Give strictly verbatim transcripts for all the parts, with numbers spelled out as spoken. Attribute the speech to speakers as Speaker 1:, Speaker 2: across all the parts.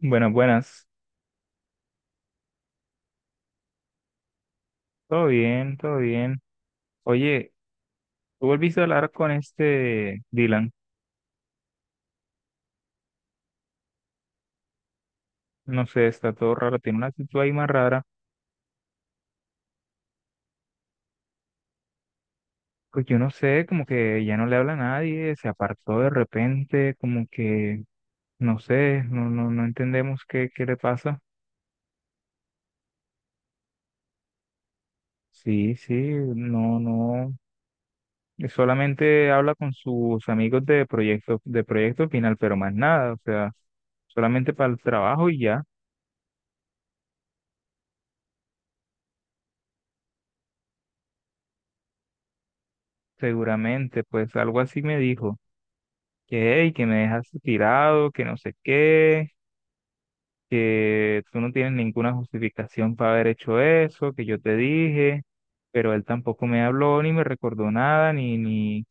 Speaker 1: Buenas, buenas. Todo bien, todo bien. Oye, ¿tú volviste a hablar con este Dylan? No sé, está todo raro, tiene una actitud ahí más rara. Pues yo no sé, como que ya no le habla a nadie, se apartó de repente, como que, no sé, no, no, no entendemos qué, qué le pasa. Sí, sí, no, no. Solamente habla con sus amigos de proyecto, de proyecto final, pero más nada, o sea, solamente para el trabajo y ya, seguramente, pues algo así me dijo. Que, "Ey, que me dejaste tirado, que no sé qué, que tú no tienes ninguna justificación para haber hecho eso, que yo te dije, pero él tampoco me habló, ni me recordó nada, ni, ni,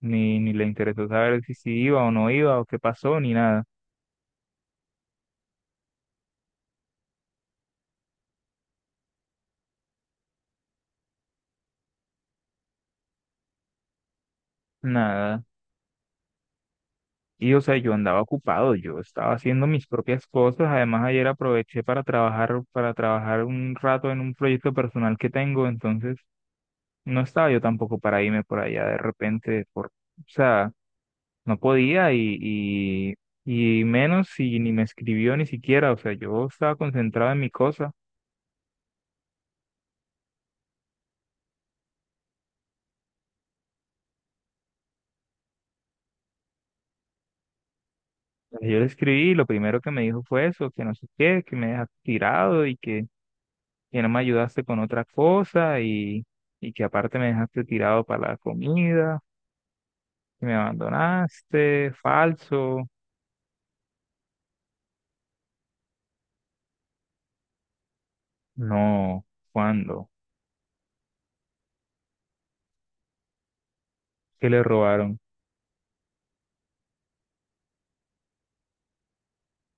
Speaker 1: ni, ni le interesó saber si sí iba o no iba, o qué pasó, ni nada, nada. Y o sea, yo andaba ocupado, yo estaba haciendo mis propias cosas, además ayer aproveché para trabajar, para trabajar un rato en un proyecto personal que tengo, entonces no estaba yo tampoco para irme por allá de repente, por, o sea, no podía y, y, y menos si ni me escribió ni siquiera, o sea, yo estaba concentrado en mi cosa. Yo le escribí y lo primero que me dijo fue eso, que no sé qué, que me dejaste tirado y que, que no me ayudaste con otra cosa y, y que aparte me dejaste tirado para la comida, que me abandonaste, falso. No, ¿cuándo? ¿Qué le robaron?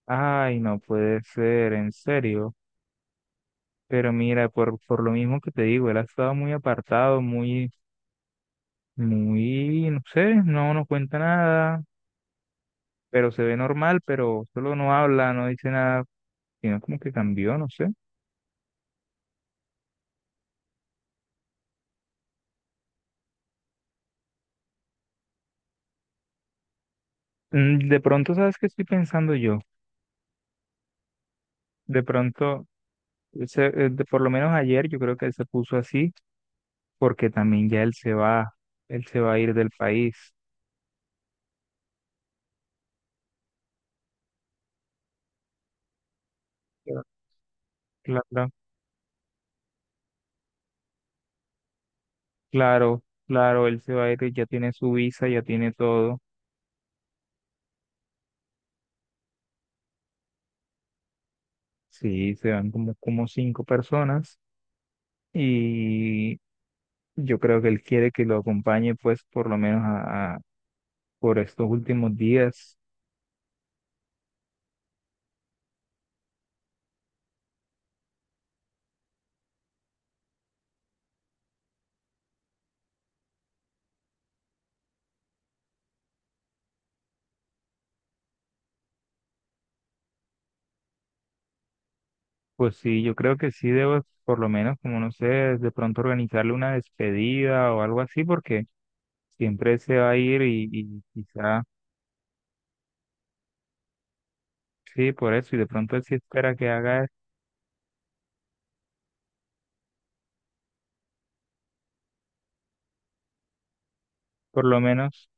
Speaker 1: Ay, no puede ser, en serio. Pero mira, por, por lo mismo que te digo, él ha estado muy apartado, muy Muy, no sé, no nos cuenta nada, pero se ve normal, pero solo no habla, no dice nada, sino como que cambió, no sé. Mm, De pronto, ¿sabes qué estoy pensando yo? De pronto, se- eh, de- por lo menos ayer yo creo que él se puso así porque también ya él se va, él se va a ir del país. Claro, claro, claro, claro, él se va a ir, ya tiene su visa, ya tiene todo. Sí, se van como, como cinco personas. Yo creo que él quiere que lo acompañe, pues, por lo menos a, a- por estos últimos días. Pues sí, yo creo que sí debo, por lo menos, como no sé, de pronto organizarle una despedida o algo así, porque siempre se va a ir y, y quizá, sí, por eso, y de pronto él sí espera que haga, por lo menos,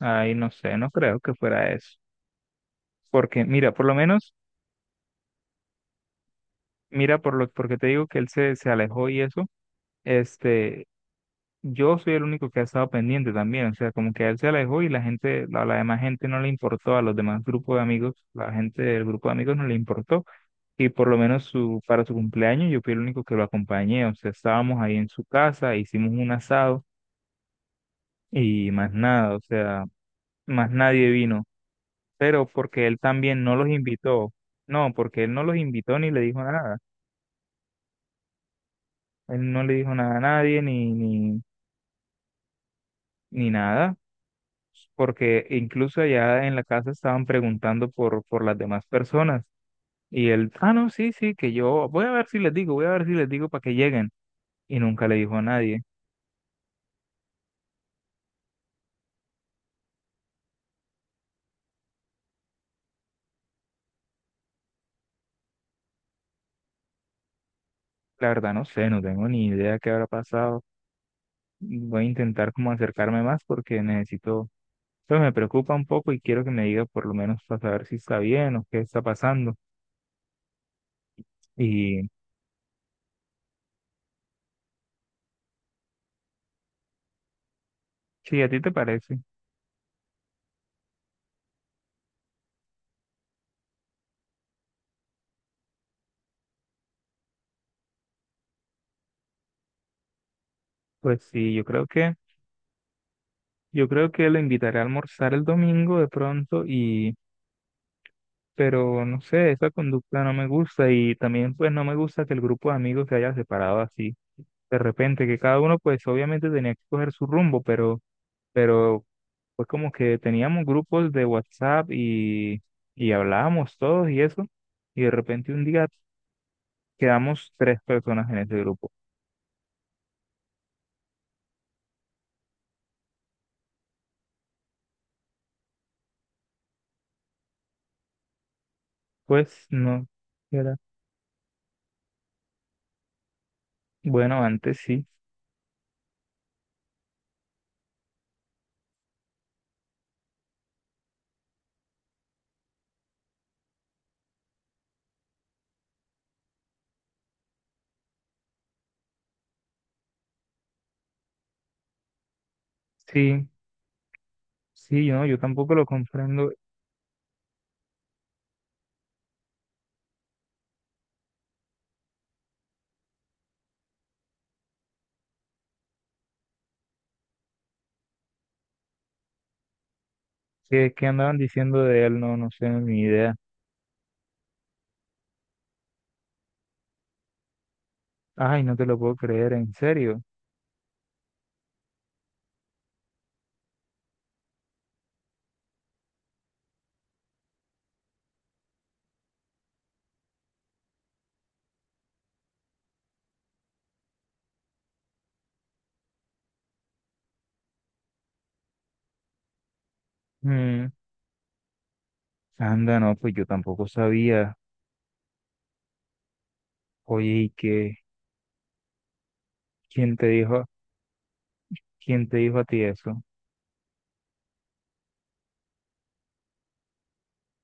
Speaker 1: ahí no sé, no creo que fuera eso. Porque, mira, por lo menos, mira, por lo, porque te digo que él se, se alejó y eso, este, yo soy el único que ha estado pendiente también, o sea, como que él se alejó y la gente, la, la demás gente no le importó, a los demás grupos de amigos, la gente del grupo de amigos no le importó, y por lo menos su, para su cumpleaños yo fui el único que lo acompañé, o sea, estábamos ahí en su casa, hicimos un asado y más nada, o sea, más nadie vino, pero porque él también no los invitó, no, porque él no los invitó ni le dijo nada, él no le dijo nada a nadie ni, ni, ni nada. Porque incluso allá en la casa estaban preguntando por, por las demás personas. Y él, ah, no, sí, sí, que yo voy a ver si les digo, voy a ver si les digo para que lleguen. Y nunca le dijo a nadie. La verdad, no sé, no tengo ni idea qué habrá pasado. Voy a intentar como acercarme más porque necesito, pues me preocupa un poco y quiero que me diga por lo menos para saber si está bien o qué está pasando. Y si a ti te parece, pues sí, yo creo que, yo creo que lo invitaré a almorzar el domingo de pronto y pero no sé, esa conducta no me gusta y también pues no me gusta que el grupo de amigos se haya separado así de repente, que cada uno pues obviamente tenía que coger su rumbo, pero, pero pues como que teníamos grupos de WhatsApp y, y hablábamos todos y eso, y de repente un día quedamos tres personas en ese grupo. Pues no, era, bueno, antes sí, sí, sí, yo, no, yo tampoco lo comprendo. ¿Qué, qué andaban diciendo de él? No, no sé, ni idea. Ay, no te lo puedo creer, en serio. Mm, anda, no, pues yo tampoco sabía. Oye, ¿y qué? ¿Quién te dijo, quién te dijo a ti eso?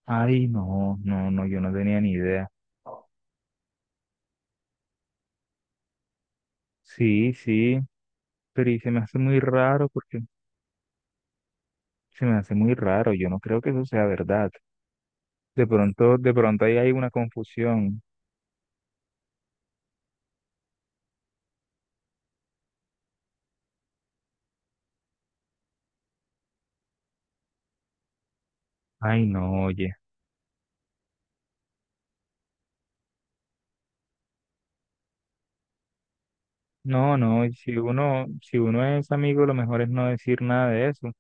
Speaker 1: Ay, no, no, no, yo no tenía ni idea. Sí, sí, pero y se me hace muy raro porque se me hace muy raro. Yo no creo que eso sea verdad. De pronto, de pronto ahí hay una confusión. Ay, no, oye. No, no, y si uno, si uno es amigo, lo mejor es no decir nada de eso.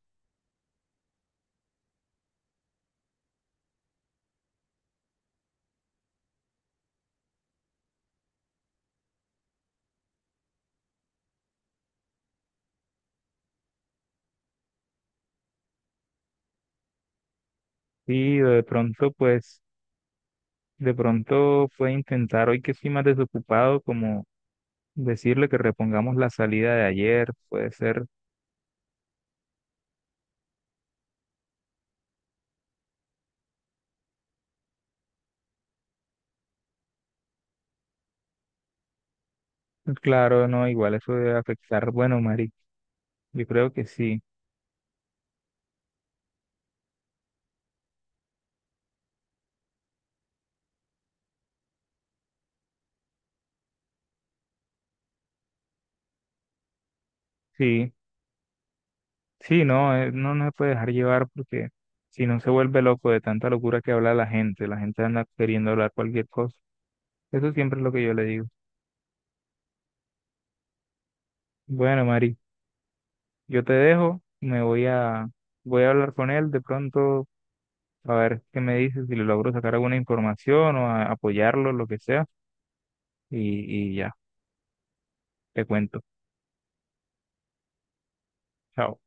Speaker 1: Y de pronto, pues, de pronto puede intentar hoy que estoy más desocupado, como decirle que repongamos la salida de ayer, puede ser, claro, no, igual eso debe afectar. Bueno, Mari, yo creo que sí, sí, sí, no, eh, no no se puede dejar llevar porque si no se vuelve loco de tanta locura que habla la gente, la gente anda queriendo hablar cualquier cosa. Eso siempre es lo que yo le digo. Bueno, Mari, yo te dejo, me voy a, voy a hablar con él de pronto, a ver qué me dice, si le logro sacar alguna información o a- apoyarlo, lo que sea, y, y ya, te cuento. Chao.